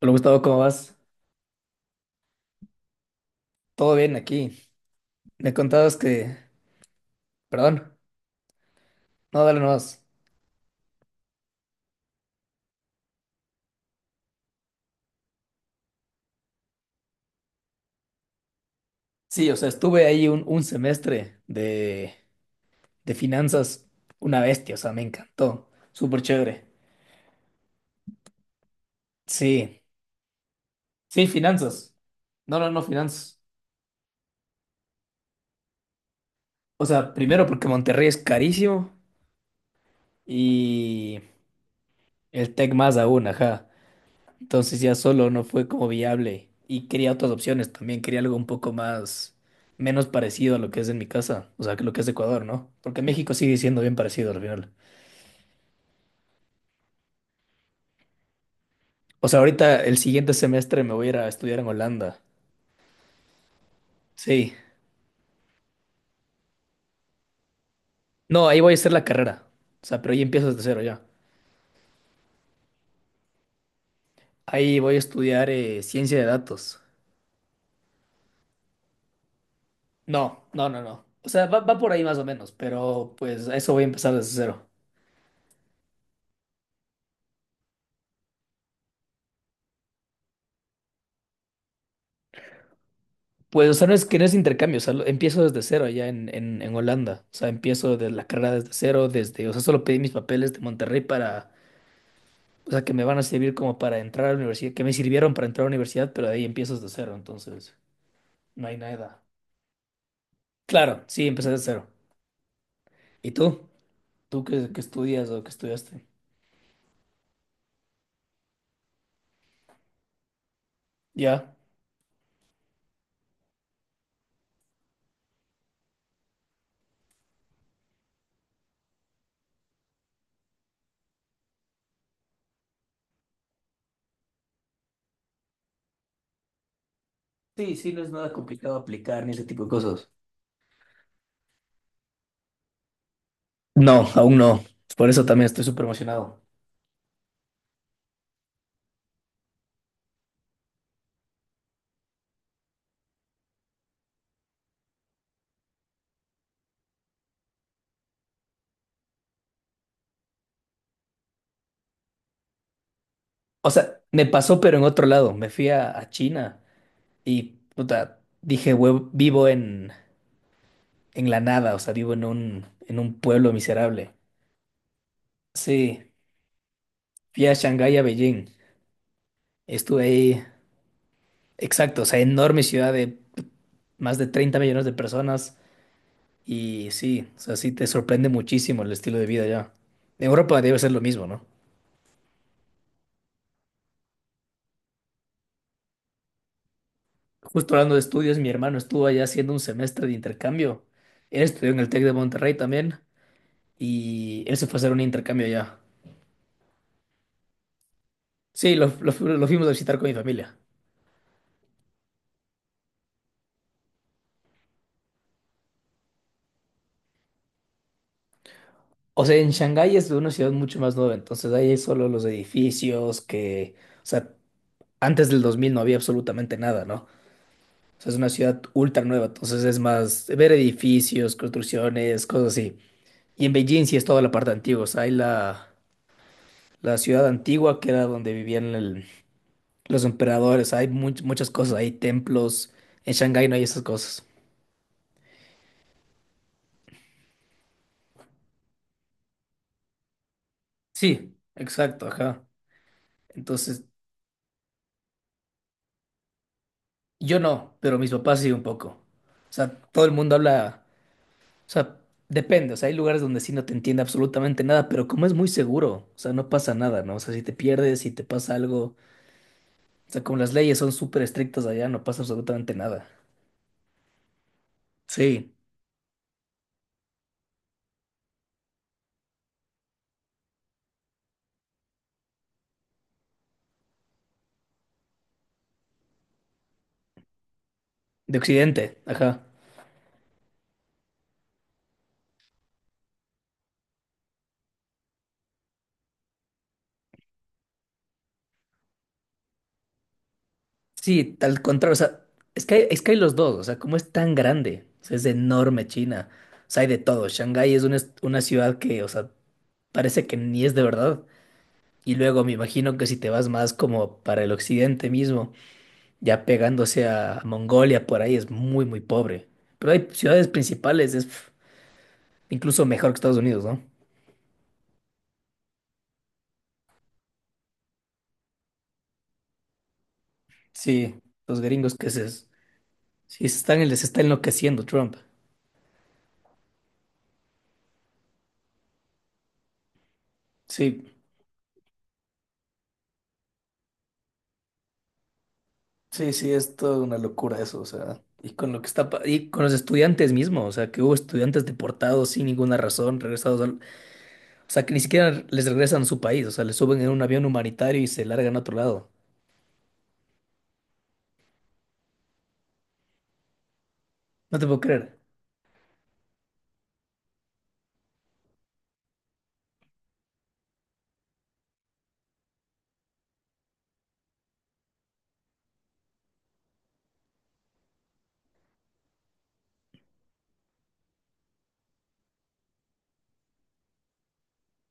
Hola Gustavo, ¿cómo vas? Todo bien aquí. Me contabas que... Perdón, no, dale nomás. Sí, o sea, estuve ahí un semestre de finanzas, una bestia, o sea, me encantó. Súper chévere. Sí, sí, finanzas. No, no, no, finanzas. O sea, primero porque Monterrey es carísimo y el Tec más aún, ajá. Entonces ya solo no fue como viable y quería otras opciones también, quería algo un poco más, menos parecido a lo que es en mi casa, o sea, que lo que es de Ecuador, ¿no? Porque México sigue siendo bien parecido al final. O sea, ahorita el siguiente semestre me voy a ir a estudiar en Holanda. Sí. No, ahí voy a hacer la carrera. O sea, pero ahí empiezo desde cero ya. Ahí voy a estudiar ciencia de datos. No, no, no, no. O sea, va por ahí más o menos, pero pues a eso voy a empezar desde cero. Pues, o sea, no es que no es intercambio, o sea, empiezo desde cero allá en Holanda, o sea, empiezo de la carrera desde cero, desde, o sea, solo pedí mis papeles de Monterrey para, o sea, que me van a servir como para entrar a la universidad, que me sirvieron para entrar a la universidad, pero de ahí empiezo desde cero, entonces, no hay nada. Claro, sí, empecé desde cero. ¿Y tú? ¿Tú qué, qué estudias o qué estudiaste? Ya. Sí, sí, no es nada complicado aplicar ni ese tipo de cosas. No, aún no. Por eso también estoy súper emocionado. O sea, me pasó, pero en otro lado. Me fui a China. Y puta, dije, vivo en la nada, o sea, vivo en un pueblo miserable. Sí, fui a Shanghái, a Beijing. Estuve ahí, exacto, o sea, enorme ciudad de más de 30 millones de personas. Y sí, o sea, sí te sorprende muchísimo el estilo de vida allá. En Europa debe ser lo mismo, ¿no? Justo hablando de estudios, mi hermano estuvo allá haciendo un semestre de intercambio. Él estudió en el Tec de Monterrey también y él se fue a hacer un intercambio allá. Sí, lo fuimos a visitar con mi familia. O sea, en Shanghái es una ciudad mucho más nueva, entonces ahí hay solo los edificios que, o sea, antes del 2000 no había absolutamente nada, ¿no? O sea, es una ciudad ultra nueva, entonces es más ver edificios, construcciones, cosas así. Y en Beijing sí es toda la parte antigua, o sea, hay la ciudad antigua que era donde vivían los emperadores, hay muchas cosas, hay templos, en Shanghái no hay esas cosas. Sí, exacto, ajá. Entonces, yo no, pero mis papás sí un poco. O sea, todo el mundo habla. O sea, depende, o sea, hay lugares donde sí no te entiende absolutamente nada, pero como es muy seguro, o sea, no pasa nada, ¿no? O sea, si te pierdes, si te pasa algo, o sea, como las leyes son súper estrictas allá, no pasa absolutamente nada. Sí, de Occidente, ajá. Sí, tal contrario, o sea, es que hay los dos, o sea, como es tan grande, o sea, es enorme China, o sea, hay de todo. Shanghái es una ciudad que, o sea, parece que ni es de verdad. Y luego me imagino que si te vas más como para el occidente mismo. Ya pegándose a Mongolia, por ahí es muy, muy pobre. Pero hay ciudades principales, es pf, incluso mejor que Estados Unidos, ¿no? Sí, los gringos que se, sí, se están, les está enloqueciendo Trump. Sí, sí, sí, es toda una locura eso, o sea, y con lo que está, y con los estudiantes mismos, o sea, que hubo estudiantes deportados sin ninguna razón, regresados al, o sea, que ni siquiera les regresan a su país, o sea, les suben en un avión humanitario y se largan a otro lado. No te puedo creer.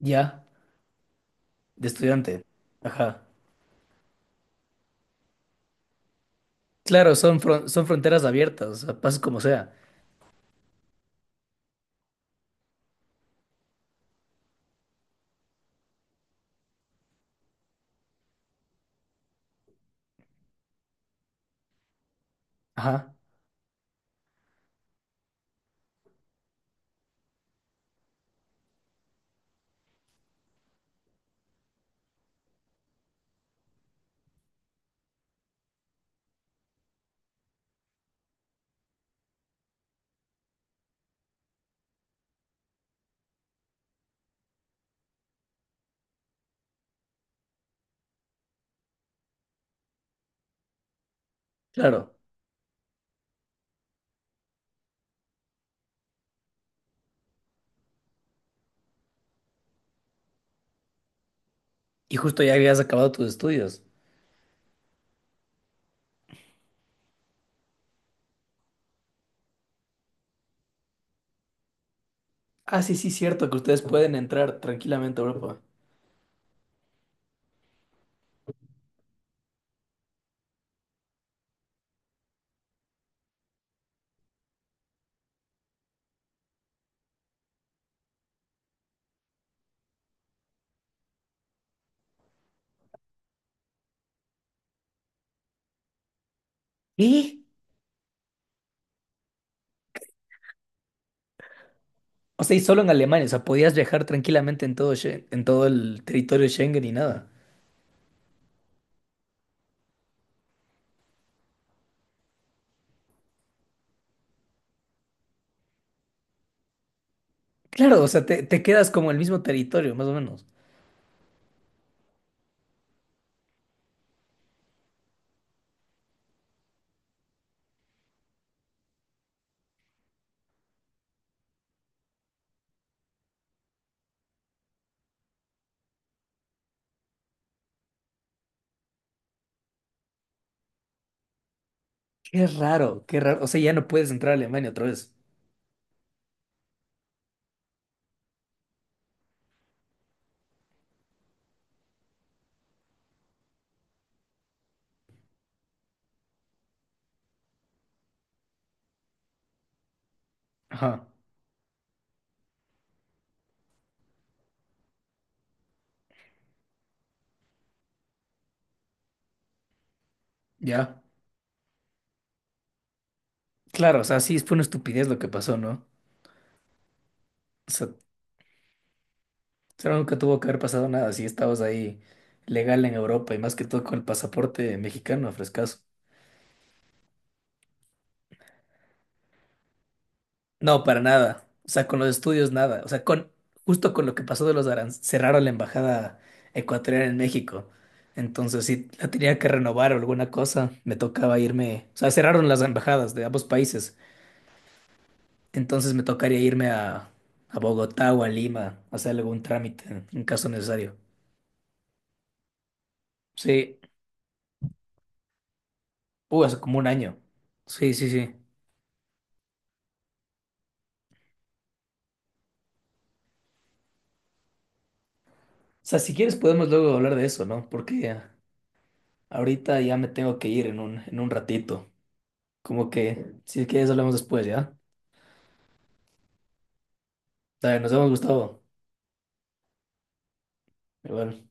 Ya, de estudiante. Ajá. Claro, son, son fronteras abiertas, o sea, pases como sea. Ajá, claro. Y justo ya habías acabado tus estudios. Ah, sí, sí, cierto, que ustedes pueden entrar tranquilamente a Europa. ¿Y? O sea, y solo en Alemania, o sea, podías viajar tranquilamente en todo, en todo el territorio Schengen y nada. Claro, o sea, te quedas como en el mismo territorio, más o menos. Qué raro, qué raro. O sea, ya no puedes entrar a Alemania otra vez. Ajá, ya. Claro, o sea, sí, fue una estupidez lo que pasó, ¿no? O sea, pero nunca tuvo que haber pasado nada si estabas ahí legal en Europa y más que todo con el pasaporte mexicano, frescazo. No, para nada. O sea, con los estudios nada. O sea, con justo con lo que pasó de los aranceles, cerraron la embajada ecuatoriana en México. Entonces, si la tenía que renovar o alguna cosa, me tocaba irme. O sea, cerraron las embajadas de ambos países. Entonces me tocaría irme a Bogotá o a Lima, a hacer algún trámite en caso necesario. Sí, hace como 1 año. Sí, sí, sí. O sea, si quieres podemos luego hablar de eso, ¿no? Porque ahorita ya me tengo que ir en un ratito. Como que, si quieres hablamos después, ¿ya? Dale, nos vemos, Gustavo. Igual.